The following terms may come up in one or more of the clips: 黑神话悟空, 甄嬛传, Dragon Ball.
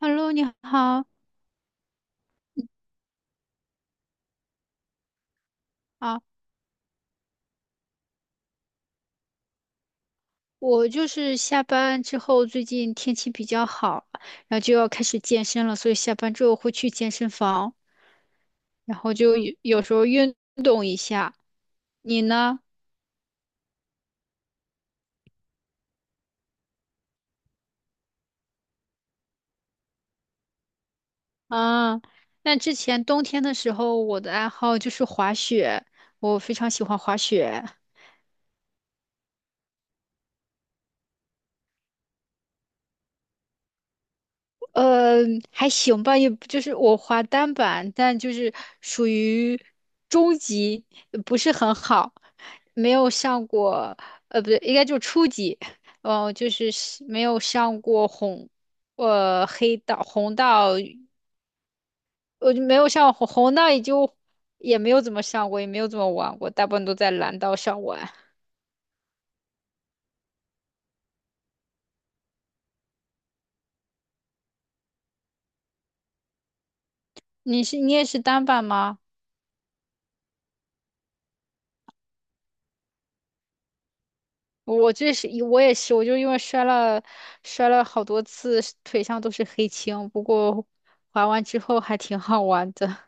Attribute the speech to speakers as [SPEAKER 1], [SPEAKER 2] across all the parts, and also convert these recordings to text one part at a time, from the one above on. [SPEAKER 1] Hello，你好啊，我就是下班之后，最近天气比较好，然后就要开始健身了，所以下班之后会去健身房，然后就有时候运动一下。你呢？啊，那之前冬天的时候，我的爱好就是滑雪，我非常喜欢滑雪。呃，还行吧，也不就是我滑单板，但就是属于中级，不是很好，没有上过，不对，应该就初级，哦，就是没有上过红，黑道、红道，我就没有上红道，也没有怎么上过，也没有怎么玩过，大部分都在蓝道上玩。你也是单板吗？我也是，我就因为摔了好多次，腿上都是黑青。不过滑完之后还挺好玩的。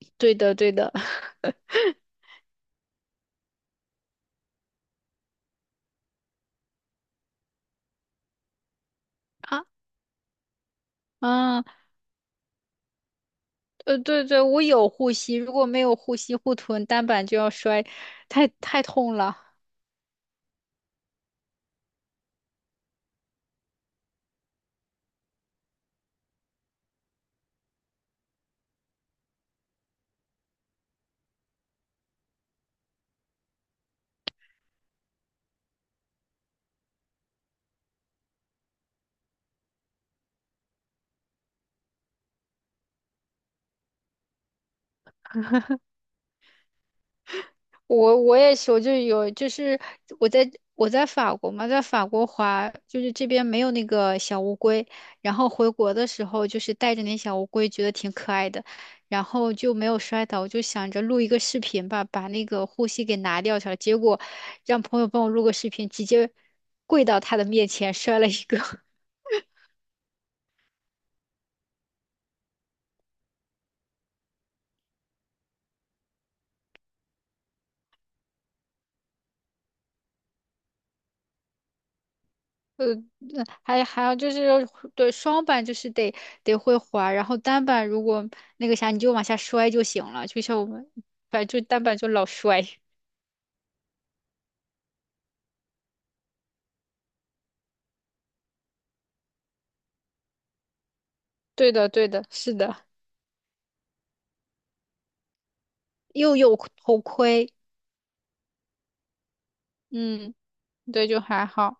[SPEAKER 1] 对的，对的。啊，嗯，对对，我有护膝，如果没有护膝护臀，单板就要摔，太痛了。我也是，我就有，就是我在法国嘛，在法国滑，就是这边没有那个小乌龟，然后回国的时候就是带着那小乌龟，觉得挺可爱的，然后就没有摔倒，我就想着录一个视频吧，把那个护膝给拿掉下来，结果让朋友帮我录个视频，直接跪到他的面前摔了一个。那还有就是对双板就是得会滑，然后单板如果那个啥，你就往下摔就行了，就像我们反正就单板就老摔。对的，对的，是的，又有头盔，嗯，对，就还好。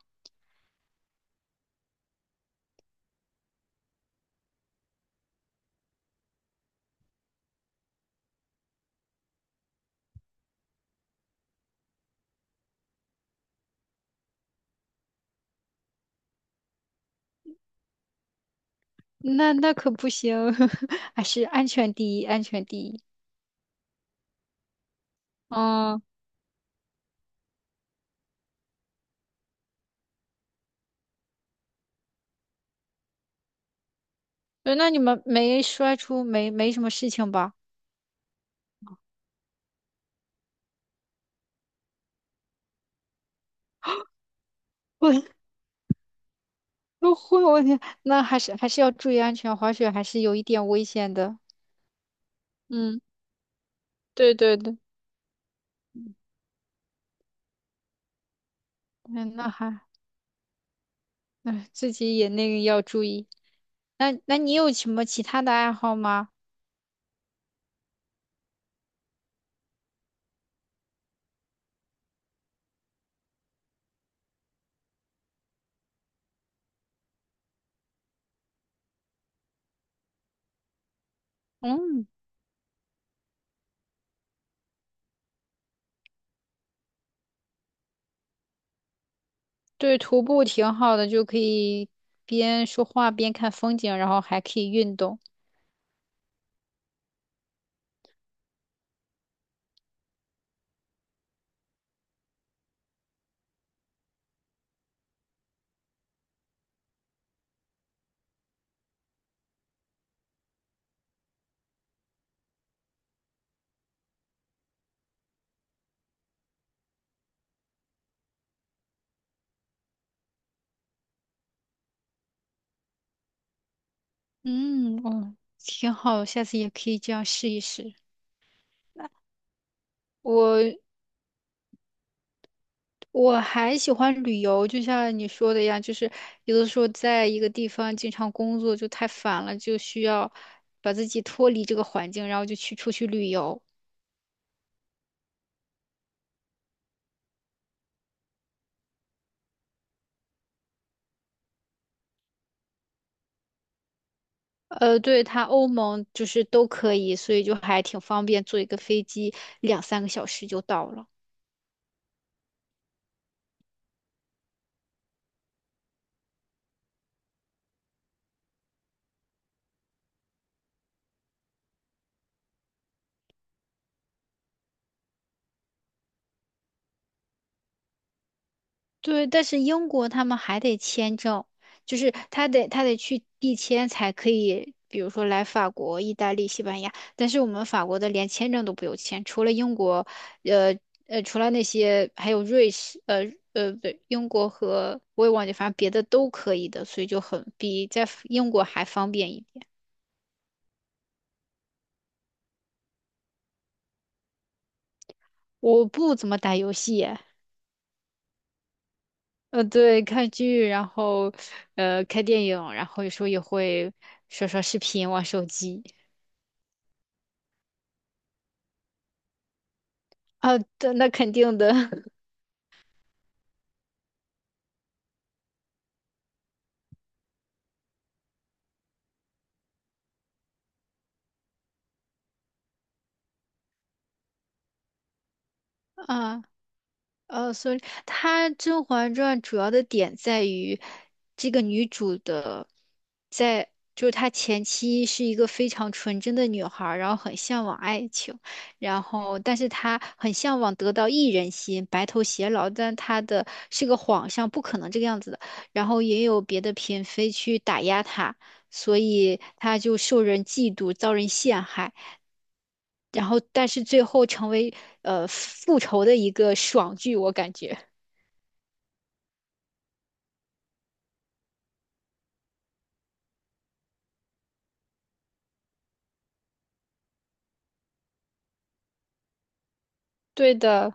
[SPEAKER 1] 那可不行，还是安全第一，安全第一。嗯，对，那你们没摔出没没什么事情吧？我我会，我天，那还是要注意安全，滑雪还是有一点危险的。嗯，对对对，嗯，那还。哎，自己也那个要注意。那你有什么其他的爱好吗？嗯，对，徒步挺好的，就可以边说话边看风景，然后还可以运动。嗯，哦，挺好，下次也可以这样试一试。我我还喜欢旅游，就像你说的一样，就是有的时候在一个地方经常工作就太烦了，就需要把自己脱离这个环境，然后就去出去旅游。对，它欧盟就是都可以，所以就还挺方便，坐一个飞机两三个小时就到了。对，但是英国他们还得签证，就是他得去递签才可以，比如说来法国、意大利、西班牙。但是我们法国的连签证都不用签，除了英国，呃除了那些还有瑞士，不对，英国和我也忘记，反正别的都可以的，所以就很比在英国还方便一点。我不怎么打游戏。对，看剧，然后看电影，然后有时候也会刷刷视频、玩手机。啊，对，那肯定的 啊。所以它《甄嬛传》主要的点在于这个女主的在，就是她前期是一个非常纯真的女孩儿，然后很向往爱情，然后但是她很向往得到一人心，白头偕老，但她的是个皇上，不可能这个样子的，然后也有别的嫔妃去打压她，所以她就受人嫉妒，遭人陷害，然后但是最后成为复仇的一个爽剧，我感觉。对的，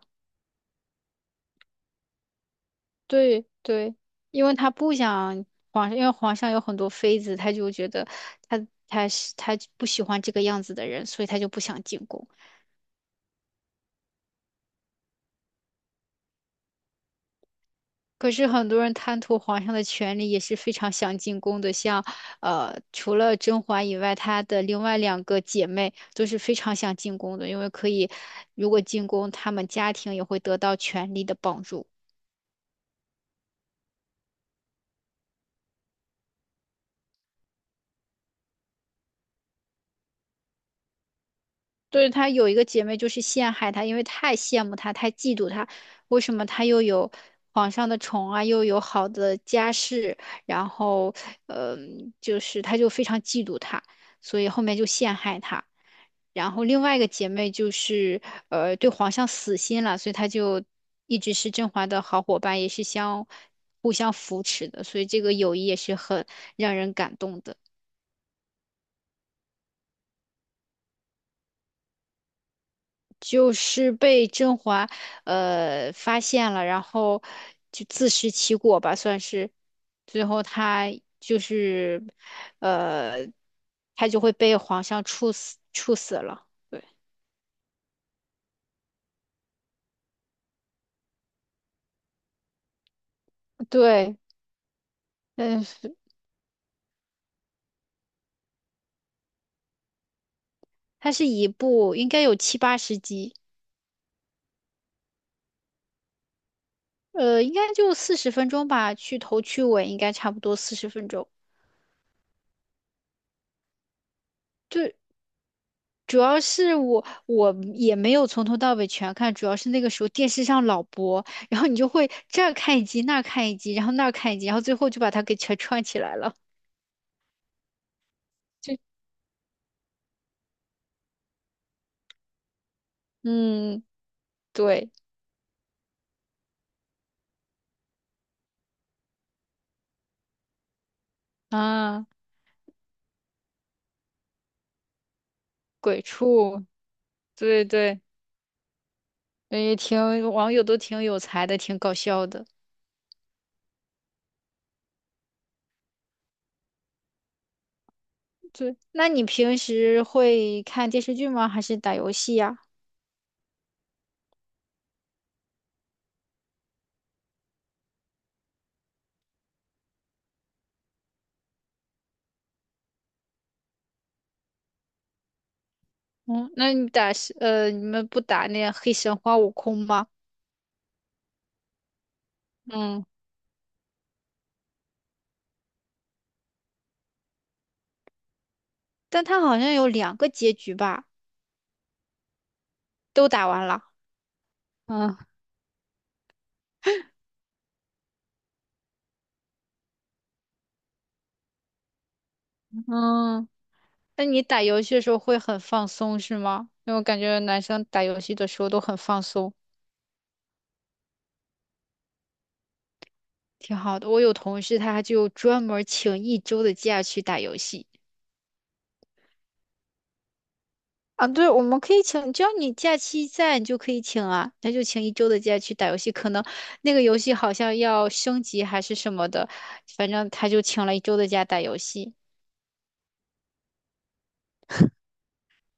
[SPEAKER 1] 对对，因为他不想皇上，因为皇上有很多妃子，他就觉得他不喜欢这个样子的人，所以他就不想进宫。可是很多人贪图皇上的权力，也是非常想进宫的。像除了甄嬛以外，她的另外两个姐妹都是非常想进宫的，因为可以，如果进宫，她们家庭也会得到权力的帮助。对，她有一个姐妹就是陷害她，因为太羡慕她，太嫉妒她。为什么她又有皇上的宠啊，又有好的家世，然后，就是她就非常嫉妒她，所以后面就陷害她。然后另外一个姐妹就是对皇上死心了，所以她就一直是甄嬛的好伙伴，也是互相扶持的，所以这个友谊也是很让人感动的。就是被甄嬛发现了，然后就自食其果吧，算是。最后他就是呃，他就会被皇上处死，处死了。对，对，嗯，它是一部应该有七八十集，应该就四十分钟吧，去头去尾应该差不多四十分钟。对，主要是我也没有从头到尾全看，主要是那个时候电视上老播，然后你就会这儿看一集，那儿看一集，然后那儿看一集，然后最后就把它给全串起来了。就嗯，对啊，鬼畜，对对，网友都挺有才的，挺搞笑的。对，那你平时会看电视剧吗？还是打游戏呀？嗯，那你们不打那黑神话悟空吗？嗯，但它好像有两个结局吧。都打完了。嗯嗯，那你打游戏的时候会很放松是吗？因为我感觉男生打游戏的时候都很放松，挺好的。我有同事他就专门请一周的假去打游戏啊。对，我们可以请，只要你假期在，你就可以请啊。他就请一周的假去打游戏，可能那个游戏好像要升级还是什么的，反正他就请了一周的假打游戏。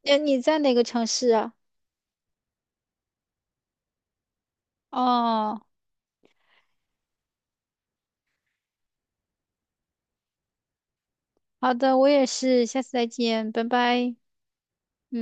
[SPEAKER 1] 那你在哪个城市啊？哦，好的，我也是，下次再见，拜拜。嗯。